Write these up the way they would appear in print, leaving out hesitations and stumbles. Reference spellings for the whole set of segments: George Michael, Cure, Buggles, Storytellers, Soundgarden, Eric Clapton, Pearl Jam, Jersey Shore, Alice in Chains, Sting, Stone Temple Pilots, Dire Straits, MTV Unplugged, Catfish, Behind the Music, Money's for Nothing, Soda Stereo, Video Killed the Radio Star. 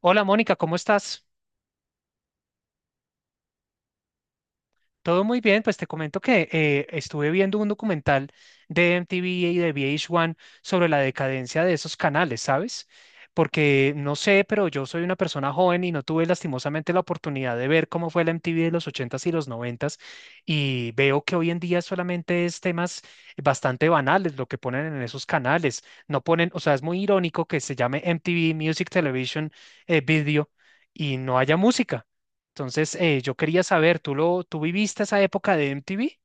Hola Mónica, ¿cómo estás? Todo muy bien, pues te comento que estuve viendo un documental de MTV y de VH1 sobre la decadencia de esos canales, ¿sabes? Porque no sé, pero yo soy una persona joven y no tuve lastimosamente la oportunidad de ver cómo fue la MTV de los ochentas y los noventas, y veo que hoy en día solamente es temas bastante banales lo que ponen en esos canales. No ponen, o sea, es muy irónico que se llame MTV Music Television Video, y no haya música. Entonces, yo quería saber, ¿tú viviste esa época de MTV?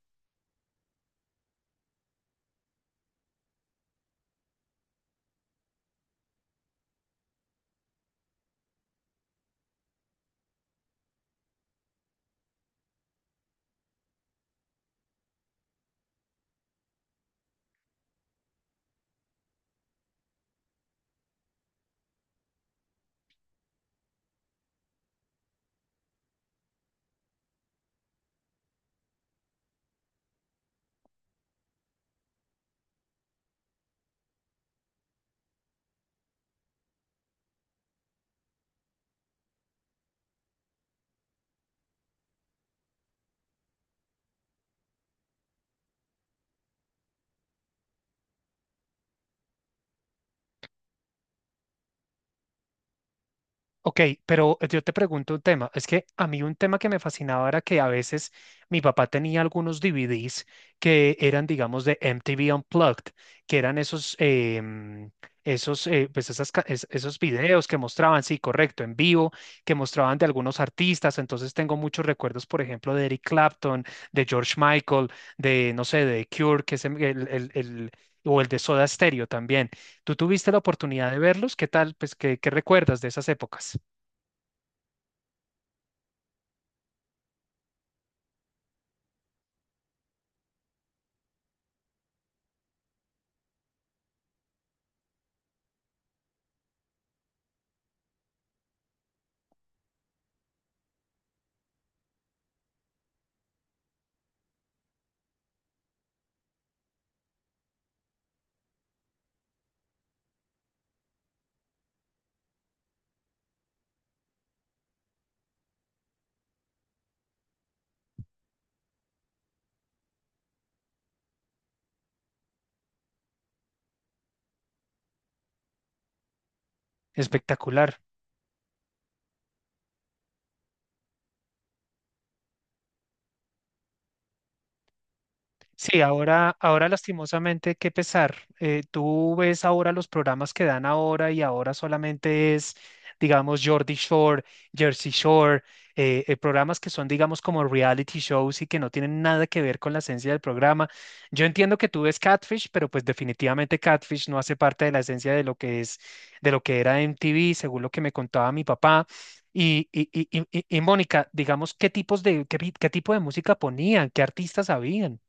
Ok, pero yo te pregunto un tema. Es que a mí un tema que me fascinaba era que a veces mi papá tenía algunos DVDs que eran, digamos, de MTV Unplugged, que eran esos, esos, pues esos videos que mostraban, sí, correcto, en vivo, que mostraban de algunos artistas. Entonces tengo muchos recuerdos, por ejemplo, de Eric Clapton, de George Michael, de, no sé, de Cure, que es el. O el de Soda Stereo también. Tú tuviste la oportunidad de verlos, ¿qué tal? Pues, ¿qué recuerdas de esas épocas? Espectacular. Sí, ahora lastimosamente, qué pesar. Tú ves ahora los programas que dan ahora y ahora solamente es, digamos, Jordi Shore, Jersey Shore, programas que son, digamos, como reality shows y que no tienen nada que ver con la esencia del programa. Yo entiendo que tú ves Catfish, pero pues definitivamente Catfish no hace parte de la esencia de lo que es, de lo que era MTV, según lo que me contaba mi papá. Y Mónica, digamos, ¿qué tipo de música ponían? ¿Qué artistas habían?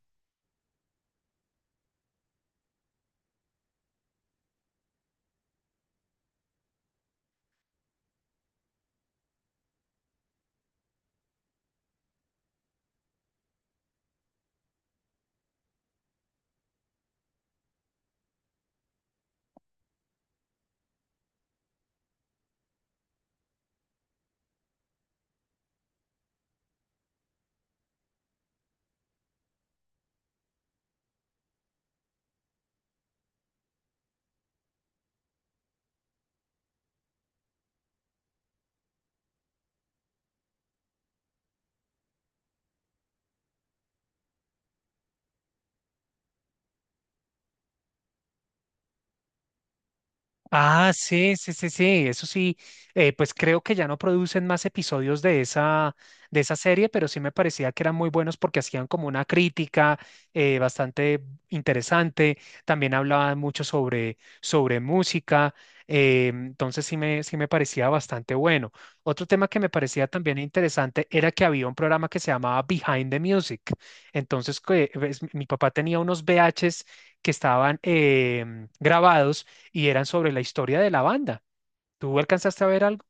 Ah, sí, sí, sí, sí, eso sí, pues creo que ya no producen más episodios de esa serie, pero sí me parecía que eran muy buenos porque hacían como una crítica bastante interesante, también hablaban mucho sobre música, entonces sí me parecía bastante bueno. Otro tema que me parecía también interesante era que había un programa que se llamaba Behind the Music, entonces que, ves, mi papá tenía unos VHs que estaban grabados y eran sobre la historia de la banda. ¿Tú alcanzaste a ver algo?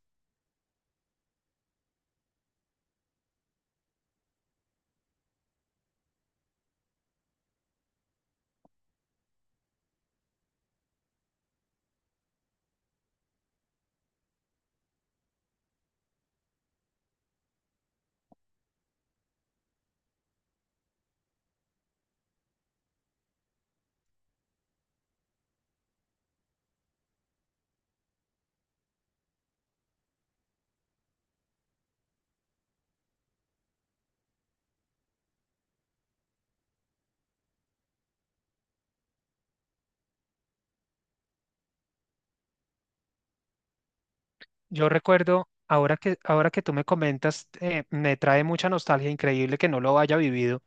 Yo recuerdo, ahora que tú me comentas, me trae mucha nostalgia, increíble que no lo haya vivido,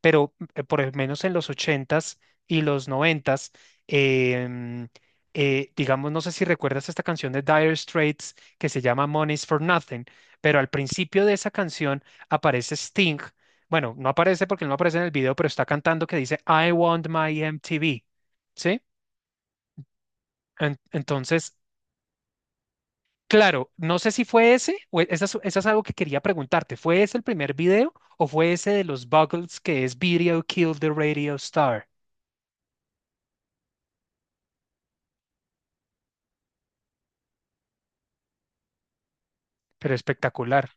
pero por lo menos en los ochentas y los noventas, em, digamos, no sé si recuerdas esta canción de Dire Straits que se llama Money's for Nothing, pero al principio de esa canción aparece Sting. Bueno, no aparece porque no aparece en el video, pero está cantando que dice I want my MTV, ¿sí? Entonces, claro, no sé si fue ese, esa esa es algo que quería preguntarte. ¿Fue ese el primer video o fue ese de los Buggles que es Video Killed the Radio Star? Pero espectacular.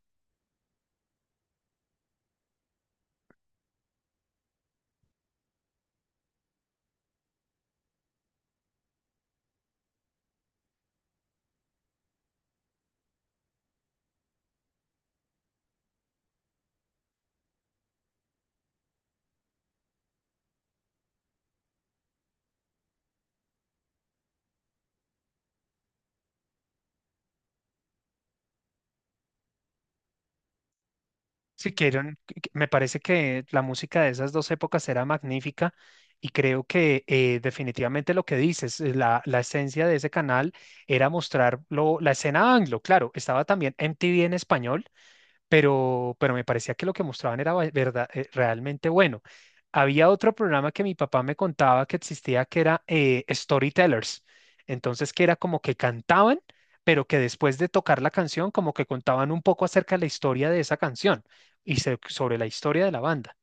Si quieren, me parece que la música de esas dos épocas era magnífica, y creo que definitivamente lo que dices, la esencia de ese canal era mostrar la escena anglo. Claro, estaba también MTV en español, pero me parecía que lo que mostraban era verdad, realmente bueno. Había otro programa que mi papá me contaba que existía que era Storytellers. Entonces, que era como que cantaban, pero que después de tocar la canción, como que contaban un poco acerca de la historia de esa canción y sobre la historia de la banda.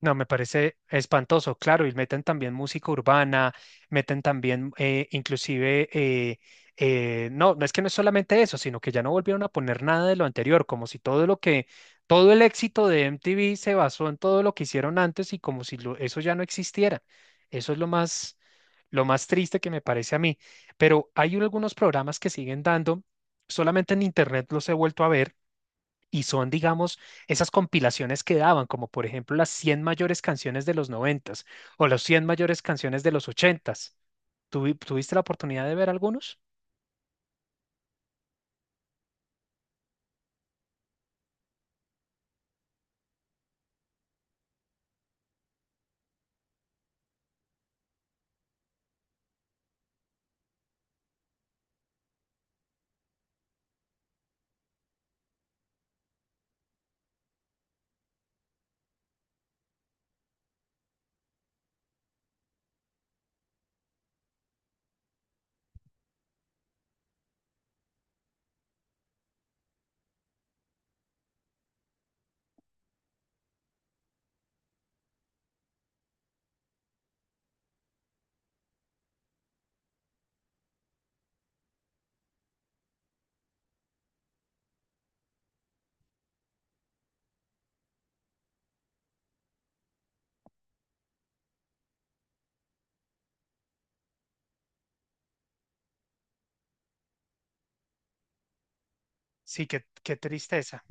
No, me parece espantoso, claro, y meten también música urbana, meten también no, no es que no es solamente eso, sino que ya no volvieron a poner nada de lo anterior, como si todo el éxito de MTV se basó en todo lo que hicieron antes y como si eso ya no existiera. Eso es lo más triste que me parece a mí. Pero hay algunos programas que siguen dando, solamente en internet los he vuelto a ver y son, digamos, esas compilaciones que daban, como por ejemplo las 100 mayores canciones de los noventas o las 100 mayores canciones de los ochentas. ¿Tuviste la oportunidad de ver algunos? Sí, qué tristeza.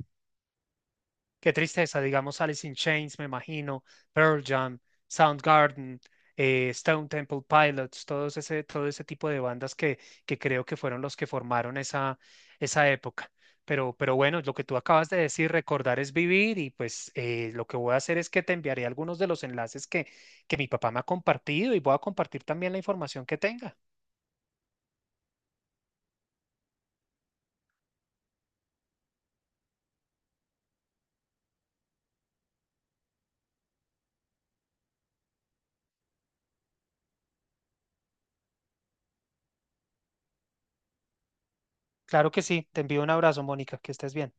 Qué tristeza, digamos, Alice in Chains, me imagino, Pearl Jam, Soundgarden, Stone Temple Pilots, todo ese tipo de bandas que creo que fueron los que formaron esa, esa época. Pero bueno, lo que tú acabas de decir, recordar es vivir, y pues lo que voy a hacer es que te enviaré algunos de los enlaces que mi papá me ha compartido, y voy a compartir también la información que tenga. Claro que sí, te envío un abrazo, Mónica, que estés bien.